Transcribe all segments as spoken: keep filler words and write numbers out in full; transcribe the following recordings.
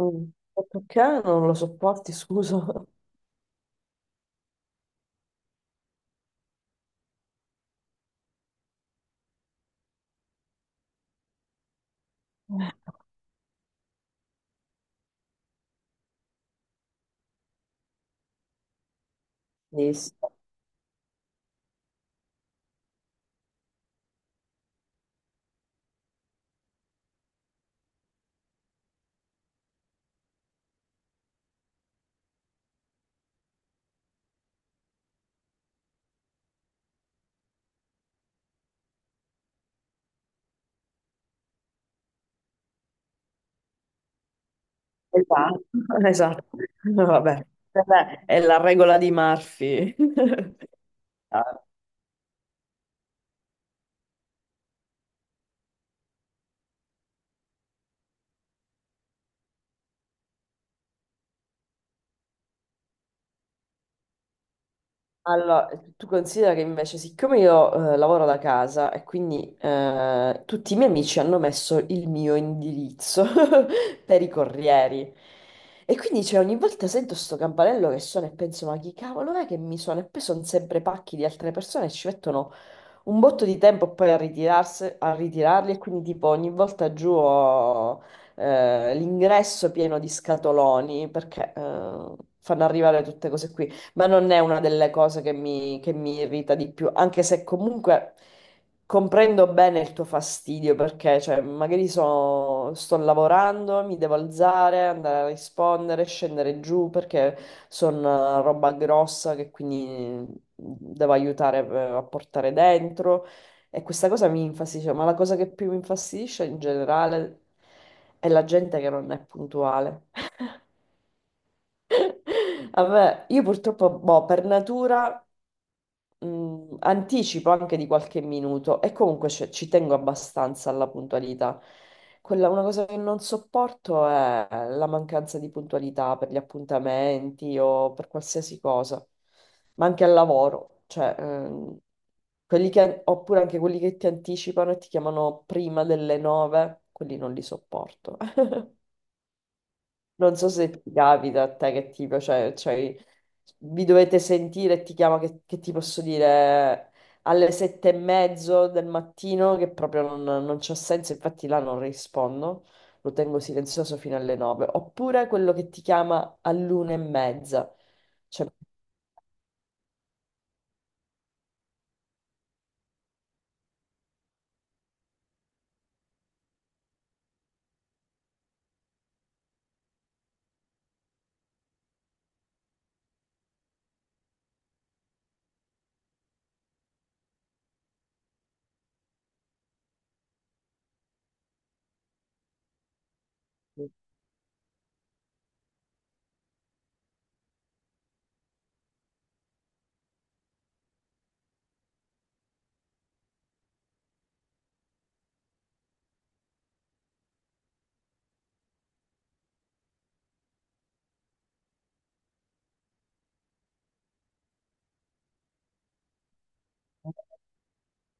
Mm. E Perché non lo sopporti, scusa? Sì, sì. Esatto. Esatto. Vabbè. Vabbè, è la regola di Murphy. Allora, tu considera che invece, siccome io eh, lavoro da casa e quindi eh, tutti i miei amici hanno messo il mio indirizzo per i corrieri. E quindi cioè, ogni volta sento sto campanello che suona e penso, ma chi cavolo è che mi suona? E poi sono sempre pacchi di altre persone e ci mettono un botto di tempo poi a ritirarsi, a ritirarli e quindi tipo ogni volta giù ho eh, l'ingresso pieno di scatoloni perché eh, fanno arrivare tutte cose qui. Ma non è una delle cose che mi, che mi irrita di più, anche se comunque comprendo bene il tuo fastidio, perché cioè, magari so- sto lavorando, mi devo alzare, andare a rispondere, scendere giù, perché sono roba grossa che quindi mm, devo aiutare eh, a portare dentro. E questa cosa mi infastidisce, ma la cosa che più mi infastidisce in generale è la gente che non è puntuale. Vabbè, io purtroppo, boh, per natura mh, anticipo anche di qualche minuto e comunque cioè, ci tengo abbastanza alla puntualità. Quella, una cosa che non sopporto è la mancanza di puntualità per gli appuntamenti o per qualsiasi cosa, ma anche al lavoro, cioè, ehm, quelli che- oppure anche quelli che ti anticipano e ti chiamano prima delle nove, quelli non li sopporto. Non so se ti capita a te che tipo, cioè, cioè, vi dovete sentire e ti chiama che, che ti posso dire alle sette e mezzo del mattino che proprio non, non c'ha senso, infatti là non rispondo, lo tengo silenzioso fino alle nove, oppure quello che ti chiama all'una e mezza, cioè,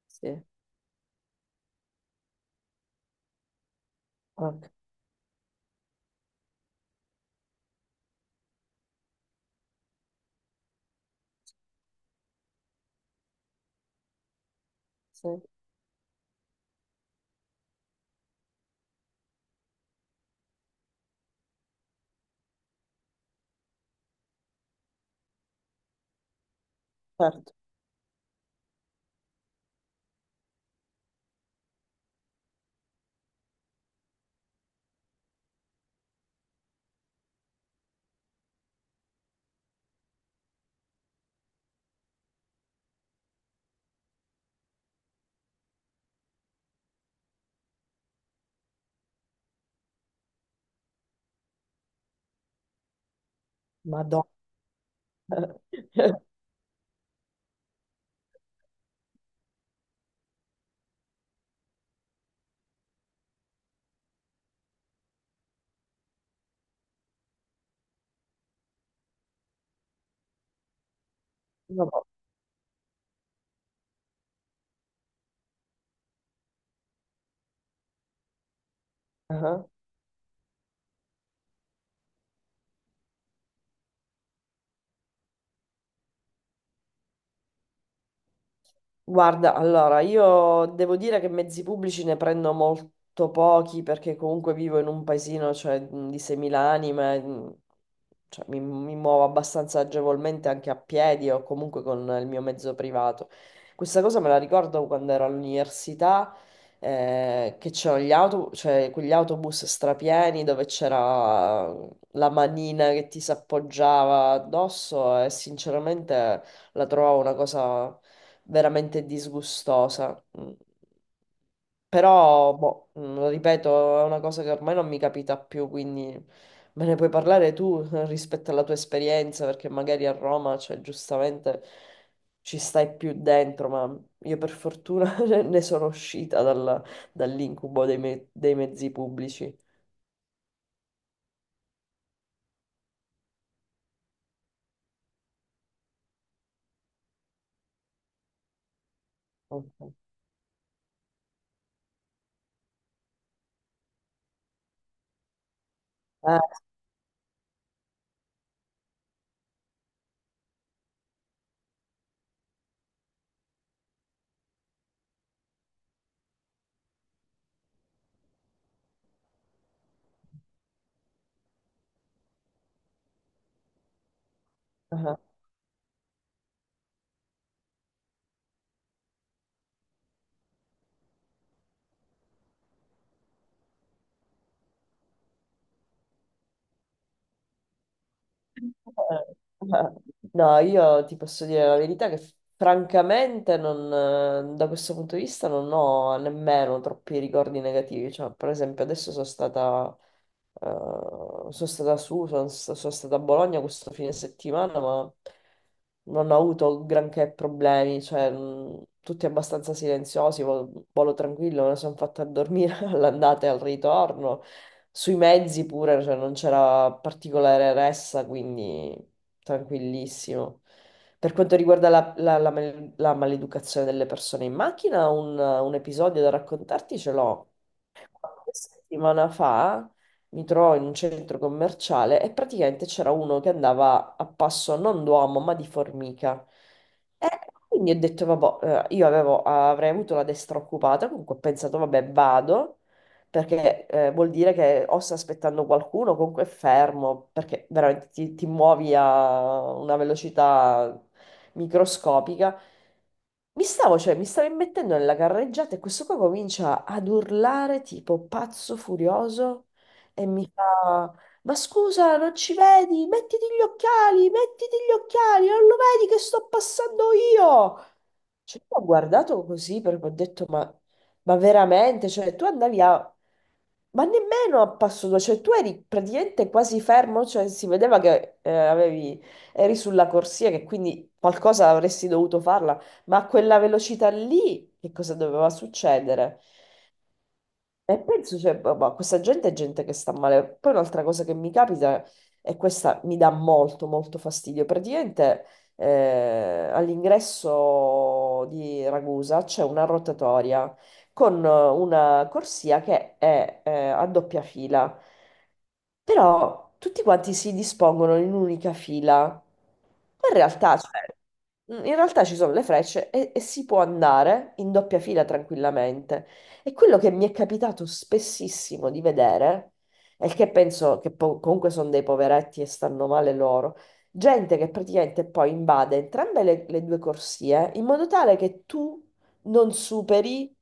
sì, ok, sì, certo, Madonna. Vabbè. Ah. Guarda, allora, io devo dire che mezzi pubblici ne prendo molto pochi perché comunque vivo in un paesino, cioè, mh, di seimila anime, mh, cioè, mi, mi muovo abbastanza agevolmente anche a piedi o comunque con il mio mezzo privato. Questa cosa me la ricordo quando ero all'università, eh, che c'erano gli autobus, cioè, quegli autobus strapieni dove c'era la manina che ti s'appoggiava addosso e sinceramente la trovavo una cosa veramente disgustosa. Mm. Però, boh, mm, lo ripeto, è una cosa che ormai non mi capita più, quindi me ne puoi parlare tu eh, rispetto alla tua esperienza, perché magari a Roma, cioè, giustamente ci stai più dentro, ma io per fortuna ne sono uscita dalla- dall'incubo dei, me- dei mezzi pubblici. Ok. Eh, eh, eh. No, io ti posso dire la verità che francamente non, eh, da questo punto di vista non ho nemmeno troppi ricordi negativi. Cioè, per esempio, adesso sono stata, eh, sono stata su, sono, sta- sono stata a Bologna questo fine settimana, ma non ho avuto granché problemi. Cioè, mh, tutti abbastanza silenziosi, vo- volo tranquillo, me ne sono fatta a dormire all'andata e al ritorno. Sui mezzi pure, cioè, non c'era particolare ressa, quindi tranquillissimo. Per quanto riguarda la, la- la mal- la maleducazione delle persone in macchina, un, un episodio da raccontarti ce l'ho qualche settimana fa mi trovo in un centro commerciale e praticamente c'era uno che andava a passo non d'uomo ma di formica. E quindi ho detto, vabbè, eh, io avevo- avrei avuto la destra occupata, comunque ho pensato, vabbè, vado, perché eh, vuol dire che o sta aspettando qualcuno, comunque è fermo, perché veramente ti ti muovi a una velocità microscopica. Mi stavo, cioè, mi stavo immettendo nella carreggiata e questo qua comincia ad urlare tipo pazzo furioso e mi fa: ma scusa, non ci vedi? Mettiti gli occhiali, mettiti gli occhiali, non lo vedi che sto passando io? Cioè, io ho guardato così perché ho detto: Ma, ma veramente? Cioè, tu andavi a. Ma nemmeno a passo due, cioè tu eri praticamente quasi fermo, cioè si vedeva che eh, avevi, eri sulla corsia, che quindi qualcosa avresti dovuto farla ma a quella velocità lì, che cosa doveva succedere? E penso, cioè, boh, boh, questa gente è gente che sta male. Poi un'altra cosa che mi capita, e questa mi dà molto, molto fastidio, praticamente eh, all'ingresso di Ragusa c'è una rotatoria con eh, una corsia che è eh, a doppia fila, però tutti quanti si dispongono in un'unica fila. Ma In realtà, cioè, Mm, in realtà ci sono le frecce e, e si può andare in doppia fila tranquillamente. E quello che mi è capitato spessissimo di vedere, e che penso che po- comunque sono dei poveretti e stanno male loro, gente che praticamente poi invade entrambe le, le due corsie in modo tale che tu non superi,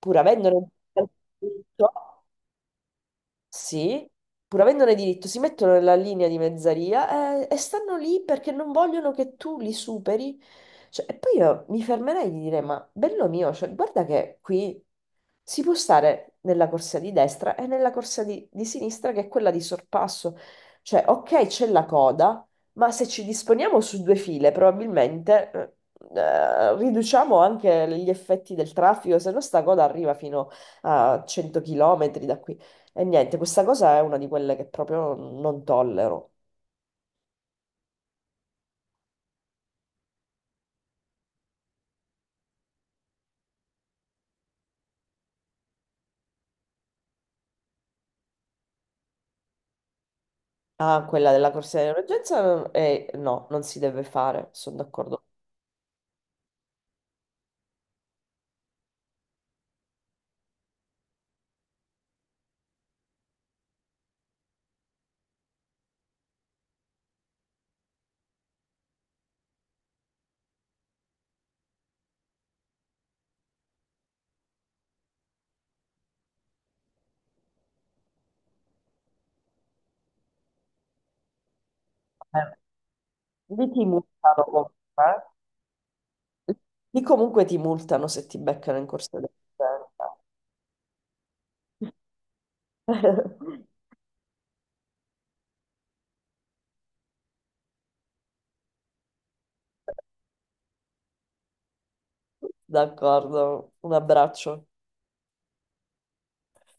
pur avendone il diritto, sì, pur avendone diritto, si mettono nella linea di mezzaria eh, e, stanno lì perché non vogliono che tu li superi. Cioè, e poi io mi fermerei di dire, ma bello mio, cioè, guarda che qui si può stare nella corsia di destra e nella corsia di, di sinistra, che è quella di sorpasso. Cioè, ok, c'è la coda, ma se ci disponiamo su due file, probabilmente eh, eh, riduciamo anche gli effetti del traffico, se no sta coda arriva fino a cento chilometri da qui. E niente, questa cosa è una di quelle che proprio non tollero. Ah, quella della corsia di emergenza, eh, no, non si deve fare, sono d'accordo. Eh, Lì ti multano comunque. Eh. Lì comunque ti multano se ti beccano in corsia di emergenza. D'accordo, un abbraccio.